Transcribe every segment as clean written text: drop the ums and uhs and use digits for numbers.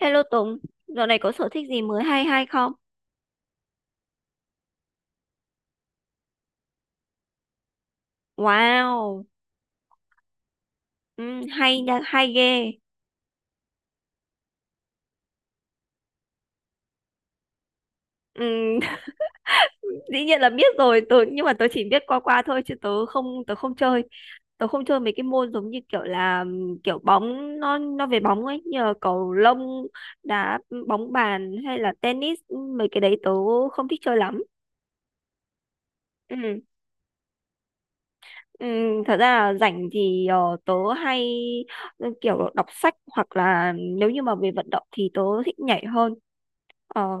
Hello Tùng, dạo này có sở thích gì mới hay hay không? Wow, ừ, hay nha, hay ghê. Ừ, dĩ nhiên là biết rồi, tớ, nhưng mà tớ chỉ biết qua qua thôi chứ tớ không chơi. Tớ không chơi mấy cái môn giống như kiểu là kiểu bóng nó về bóng ấy, như là cầu lông, đá bóng bàn hay là tennis, mấy cái đấy tớ không thích chơi lắm. Ừ. Ừ, thật ra là rảnh thì tớ hay kiểu đọc sách hoặc là nếu như mà về vận động thì tớ thích nhảy hơn. Ờ.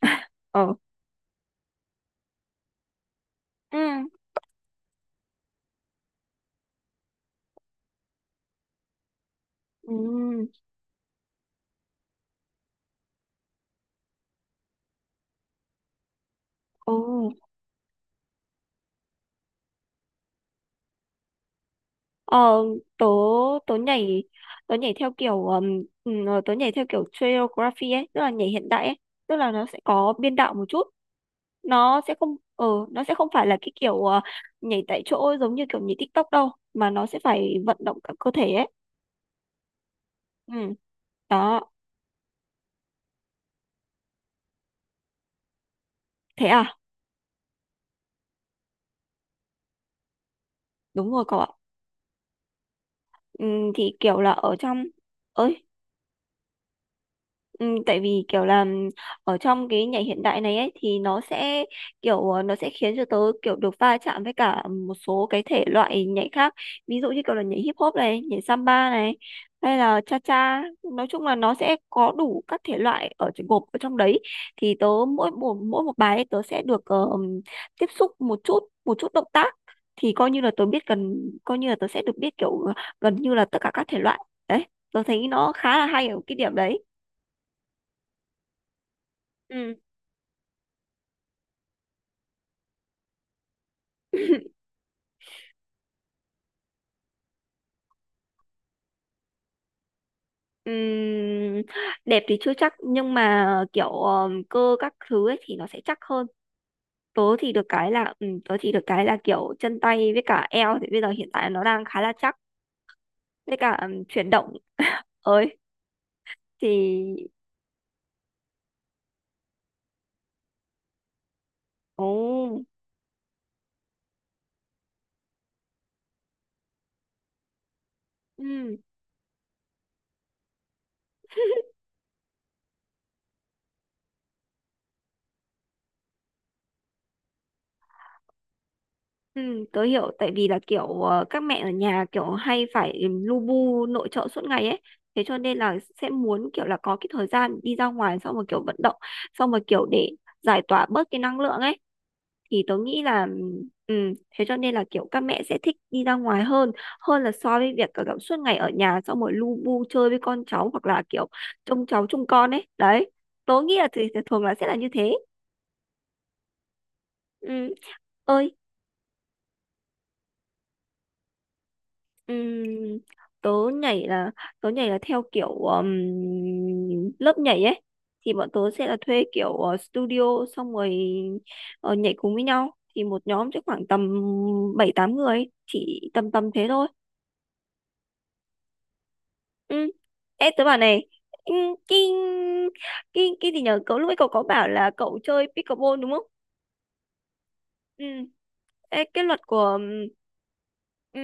Ờ. Ừ. Ừ. Ồ. Ờ. tớ tớ nhảy tớ nhảy theo kiểu tớ nhảy theo kiểu choreography ấy, tức là nhảy hiện đại ấy. Tức là nó sẽ có biên đạo một chút. Nó sẽ không ờ nó sẽ không phải là cái kiểu nhảy tại chỗ giống như kiểu nhảy TikTok đâu, mà nó sẽ phải vận động cả cơ thể ấy. Ừ. Đó. Thế à? Đúng rồi cậu ạ. Ừ, thì kiểu là ở trong. Ơi. Ừ, tại vì kiểu là ở trong cái nhảy hiện đại này ấy thì nó sẽ khiến cho tớ kiểu được va chạm với cả một số cái thể loại nhảy khác. Ví dụ như kiểu là nhảy hip hop này, nhảy samba này, hay là cha cha, nói chung là nó sẽ có đủ các thể loại ở trong- gộp ở trong đấy, thì tớ mỗi một bài ấy, tớ sẽ được tiếp xúc một chút, một chút động tác, thì coi như là tớ biết gần, coi như là tớ sẽ được biết kiểu gần như là tất cả các thể loại. Đấy, tớ thấy nó khá là hay ở cái điểm đấy. Ừ. Ừm, Đẹp thì chưa chắc nhưng mà kiểu cơ các thứ ấy thì nó sẽ chắc hơn. Tớ thì được cái là tớ thì được cái là kiểu chân tay với cả eo thì bây giờ hiện tại nó đang khá là chắc, với cả chuyển động ấy thì. Ồ. ừm, Tớ hiểu, tại vì là kiểu các mẹ ở nhà kiểu hay phải lu bu nội trợ suốt ngày ấy, thế cho nên là sẽ muốn kiểu là có cái thời gian đi ra ngoài xong rồi kiểu vận động xong rồi kiểu để giải tỏa bớt cái năng lượng ấy thì tớ nghĩ là ừ, thế cho nên là kiểu các mẹ sẽ thích đi ra ngoài hơn, hơn là so với việc kiểu kiểu suốt ngày ở nhà xong rồi lu bu chơi với con cháu hoặc là kiểu trông cháu trông con ấy đấy, tớ nghĩ là thì thường là sẽ là như thế. Ừ. Ơi. ừm, Tớ nhảy là, tớ nhảy là theo kiểu lớp nhảy ấy, thì bọn tớ sẽ là thuê kiểu studio xong rồi nhảy cùng với nhau, thì một nhóm sẽ khoảng tầm bảy tám người, chỉ tầm tầm thế thôi. Ừ. Ê, tớ bảo này, ừ, cái cái gì nhở, cậu lúc ấy cậu có bảo là cậu chơi pickleball đúng không? Ừ. Ê, cái luật của ừ,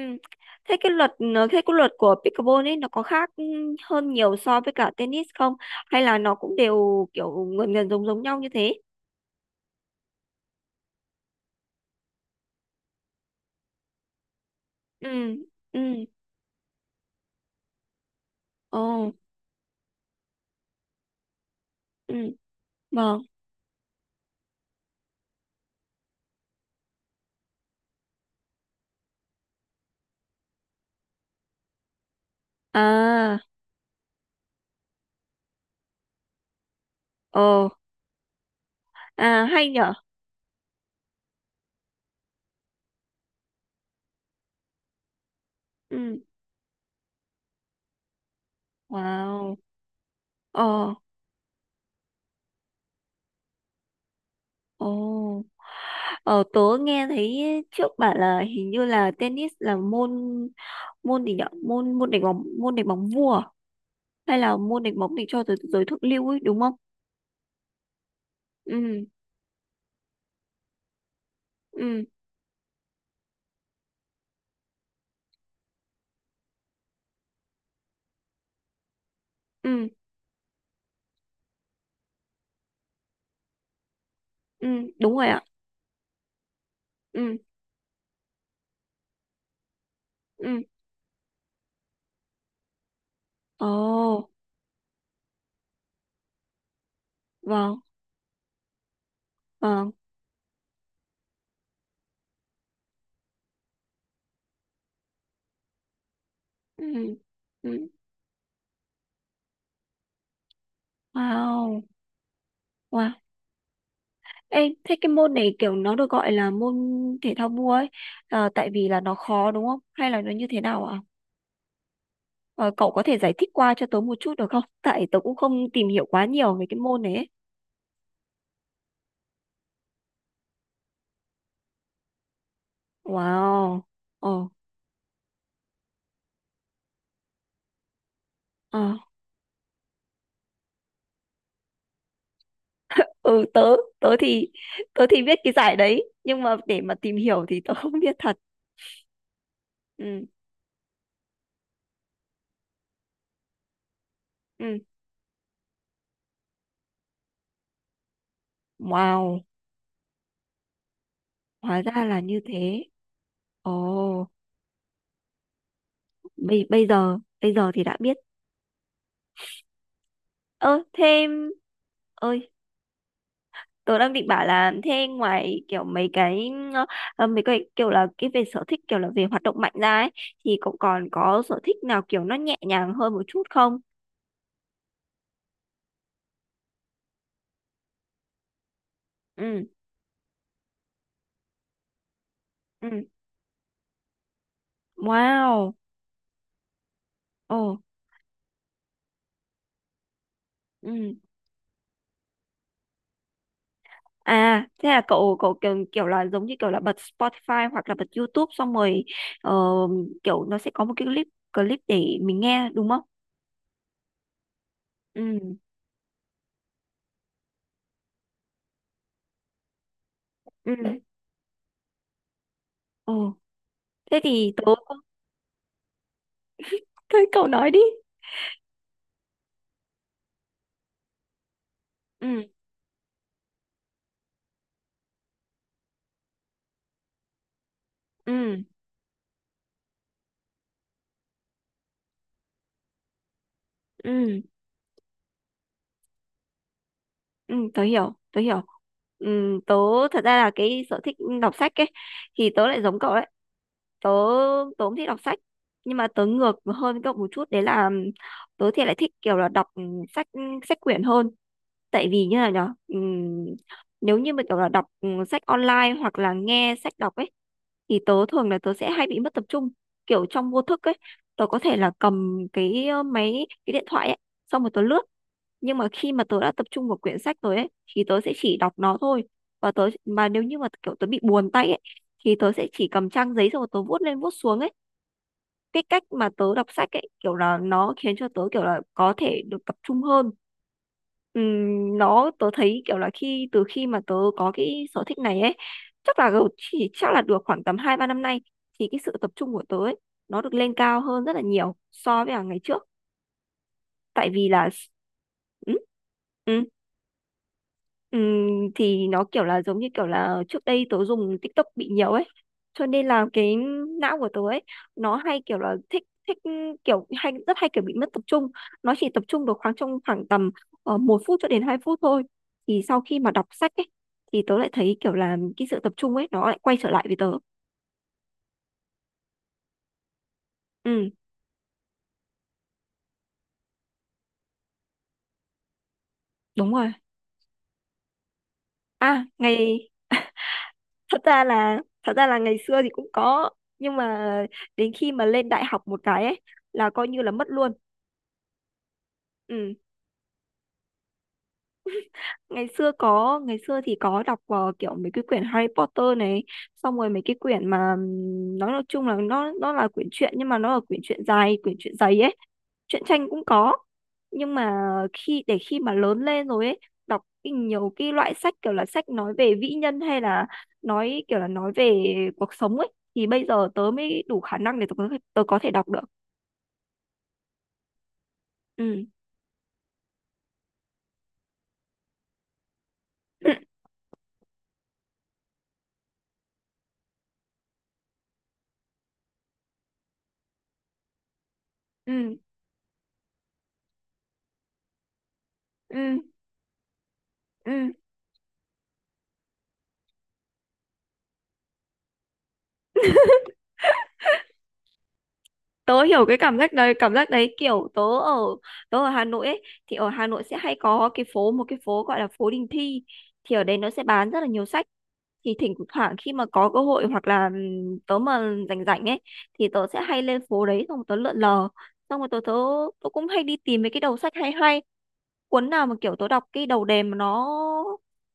thế cái luật nó- thế cái luật của pickleball ấy nó có khác hơn nhiều so với cả tennis không, hay là nó cũng đều kiểu gần gần giống giống nhau như thế? Ừ. Ừ. Ồ. Ừ. Vâng. À. Ồ. À hay nhở. Ừ. Wow. Ồ. Ồ. Ờ, tớ nghe thấy trước bảo là hình như là tennis là môn, môn gì nhở, môn môn đánh bóng, môn đánh bóng vua à? Hay là môn đánh bóng để cho giới, giới thượng lưu ấy đúng không? Ừ. Ừ. Ừ. Ừ. Đúng rồi ạ. Ừ. Ừ. Ồ. Vâng. Vâng. Ừ. Ừ. Wow. Wow. Ê, thế cái môn này kiểu nó được gọi là môn thể thao vua ấy, tại vì là nó khó đúng không? Hay là nó như thế nào ạ? Ờ, cậu có thể giải thích qua cho tớ một chút được không? Tại tớ cũng không tìm hiểu quá nhiều về cái môn này ấy. Wow. Ờ. Ờ. Ừ, tớ, tớ thì, tớ thì biết cái giải đấy. Nhưng mà để mà tìm hiểu thì tớ không biết thật. Ừ. Ừ. Wow, hóa ra là như thế. Ồ, bây giờ thì đã biết. Ơ, thêm... Ơi, tớ đang định bảo là thế ngoài kiểu mấy cái mấy cái kiểu là cái về sở thích kiểu là về hoạt động mạnh ra ấy, thì cậu còn có sở thích nào kiểu nó nhẹ nhàng hơn một chút không? Ừ. Ừ. Wow. Ồ. Ừ. À thế là cậu cậu kiểu kiểu là giống như kiểu là bật Spotify hoặc là bật YouTube xong rồi ờ, kiểu nó sẽ có một cái clip, clip để mình nghe đúng không? Ừ. Ừ. Ồ. Thế thì tớ cũng thấy cậu nói đi. Ừ. Ừ. Ừ. Ừ, tớ hiểu, tớ hiểu. Ừ, tớ thật ra là cái sở thích đọc sách ấy thì tớ lại giống cậu đấy. Tớ, tớ cũng thích đọc sách nhưng mà tớ ngược hơn cậu một chút, đấy là tớ thì lại thích kiểu là đọc sách, sách quyển hơn. Tại vì như là nhở, ừ, nếu như mà kiểu là đọc sách online hoặc là nghe sách đọc ấy, thì tớ thường là tớ sẽ hay bị mất tập trung kiểu trong vô thức ấy. Tớ có thể là cầm cái máy, cái điện thoại ấy xong rồi tớ lướt. Nhưng mà khi mà tớ đã tập trung vào quyển sách rồi ấy thì tớ sẽ chỉ đọc nó thôi. Và tớ mà nếu như mà kiểu tớ bị buồn tay ấy thì tớ sẽ chỉ cầm trang giấy xong rồi tớ vuốt lên vuốt xuống ấy. Cái cách mà tớ đọc sách ấy kiểu là nó khiến cho tớ kiểu là có thể được tập trung hơn. Nó tớ thấy kiểu là khi từ khi mà tớ có cái sở thích này ấy, chắc là gầu- chỉ chắc là được khoảng tầm hai ba năm nay, thì cái sự tập trung của tớ ấy nó được lên cao hơn rất là nhiều so với cả ngày trước, tại vì là ừ, ừ. Ừm, thì nó kiểu là giống như kiểu là trước đây tớ dùng TikTok bị nhiều ấy, cho nên là cái não của tớ ấy nó hay kiểu là thích, thích kiểu hay rất hay kiểu bị mất tập trung, nó chỉ tập trung được khoảng trong khoảng tầm một phút cho đến 2 phút thôi. Thì sau khi mà đọc sách ấy thì tớ lại thấy kiểu là cái sự tập trung ấy nó lại quay trở lại với tớ. Ừ. Đúng rồi. À ngày, thật ra là ngày xưa thì cũng có, nhưng mà đến khi mà lên đại học một cái ấy là coi như là mất luôn. Ừ. Ngày xưa có, ngày xưa thì có đọc kiểu mấy cái quyển Harry Potter này, xong rồi mấy cái quyển mà nói chung là nó là quyển truyện nhưng mà nó là quyển truyện dài, quyển truyện dày ấy. Truyện tranh cũng có, nhưng mà khi để khi mà lớn lên rồi ấy, đọc cái nhiều cái loại sách kiểu là sách nói về vĩ nhân hay là nói kiểu là nói về cuộc sống ấy, thì bây giờ tớ mới đủ khả năng để tớ có thể đọc được. Ừ. Ừ. Ừ. Ừ. Ừ. Tớ hiểu cái cảm giác đấy, cảm giác đấy kiểu tớ ở, tớ ở Hà Nội ấy thì ở Hà Nội sẽ hay có cái phố, một cái phố gọi là phố Đình Thi. Thì ở đấy nó sẽ bán rất là nhiều sách. Thì thỉnh thoảng khi mà có cơ hội hoặc là tớ mà rảnh rảnh ấy, thì tớ sẽ hay lên phố đấy xong tớ lượn lờ, xong rồi tớ tớ tớ cũng hay đi tìm mấy cái đầu sách hay hay, cuốn nào mà kiểu tớ đọc cái đầu đề mà nó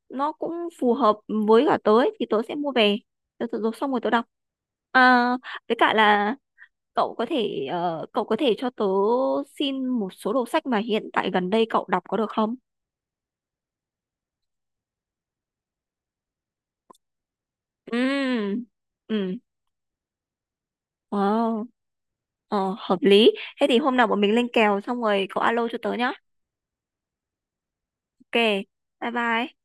nó cũng phù hợp với cả tớ ấy, thì tớ sẽ mua về. Tớ xong rồi tớ đọc. À, với cả là cậu có thể cậu có thể cho tớ xin một số đầu sách mà hiện tại gần đây cậu đọc có được không? Ừ. Ừ. Wow. Ờ, hợp lý. Thế thì hôm nào bọn mình lên kèo xong rồi cậu alo cho tớ nhá. Ok. Bye bye.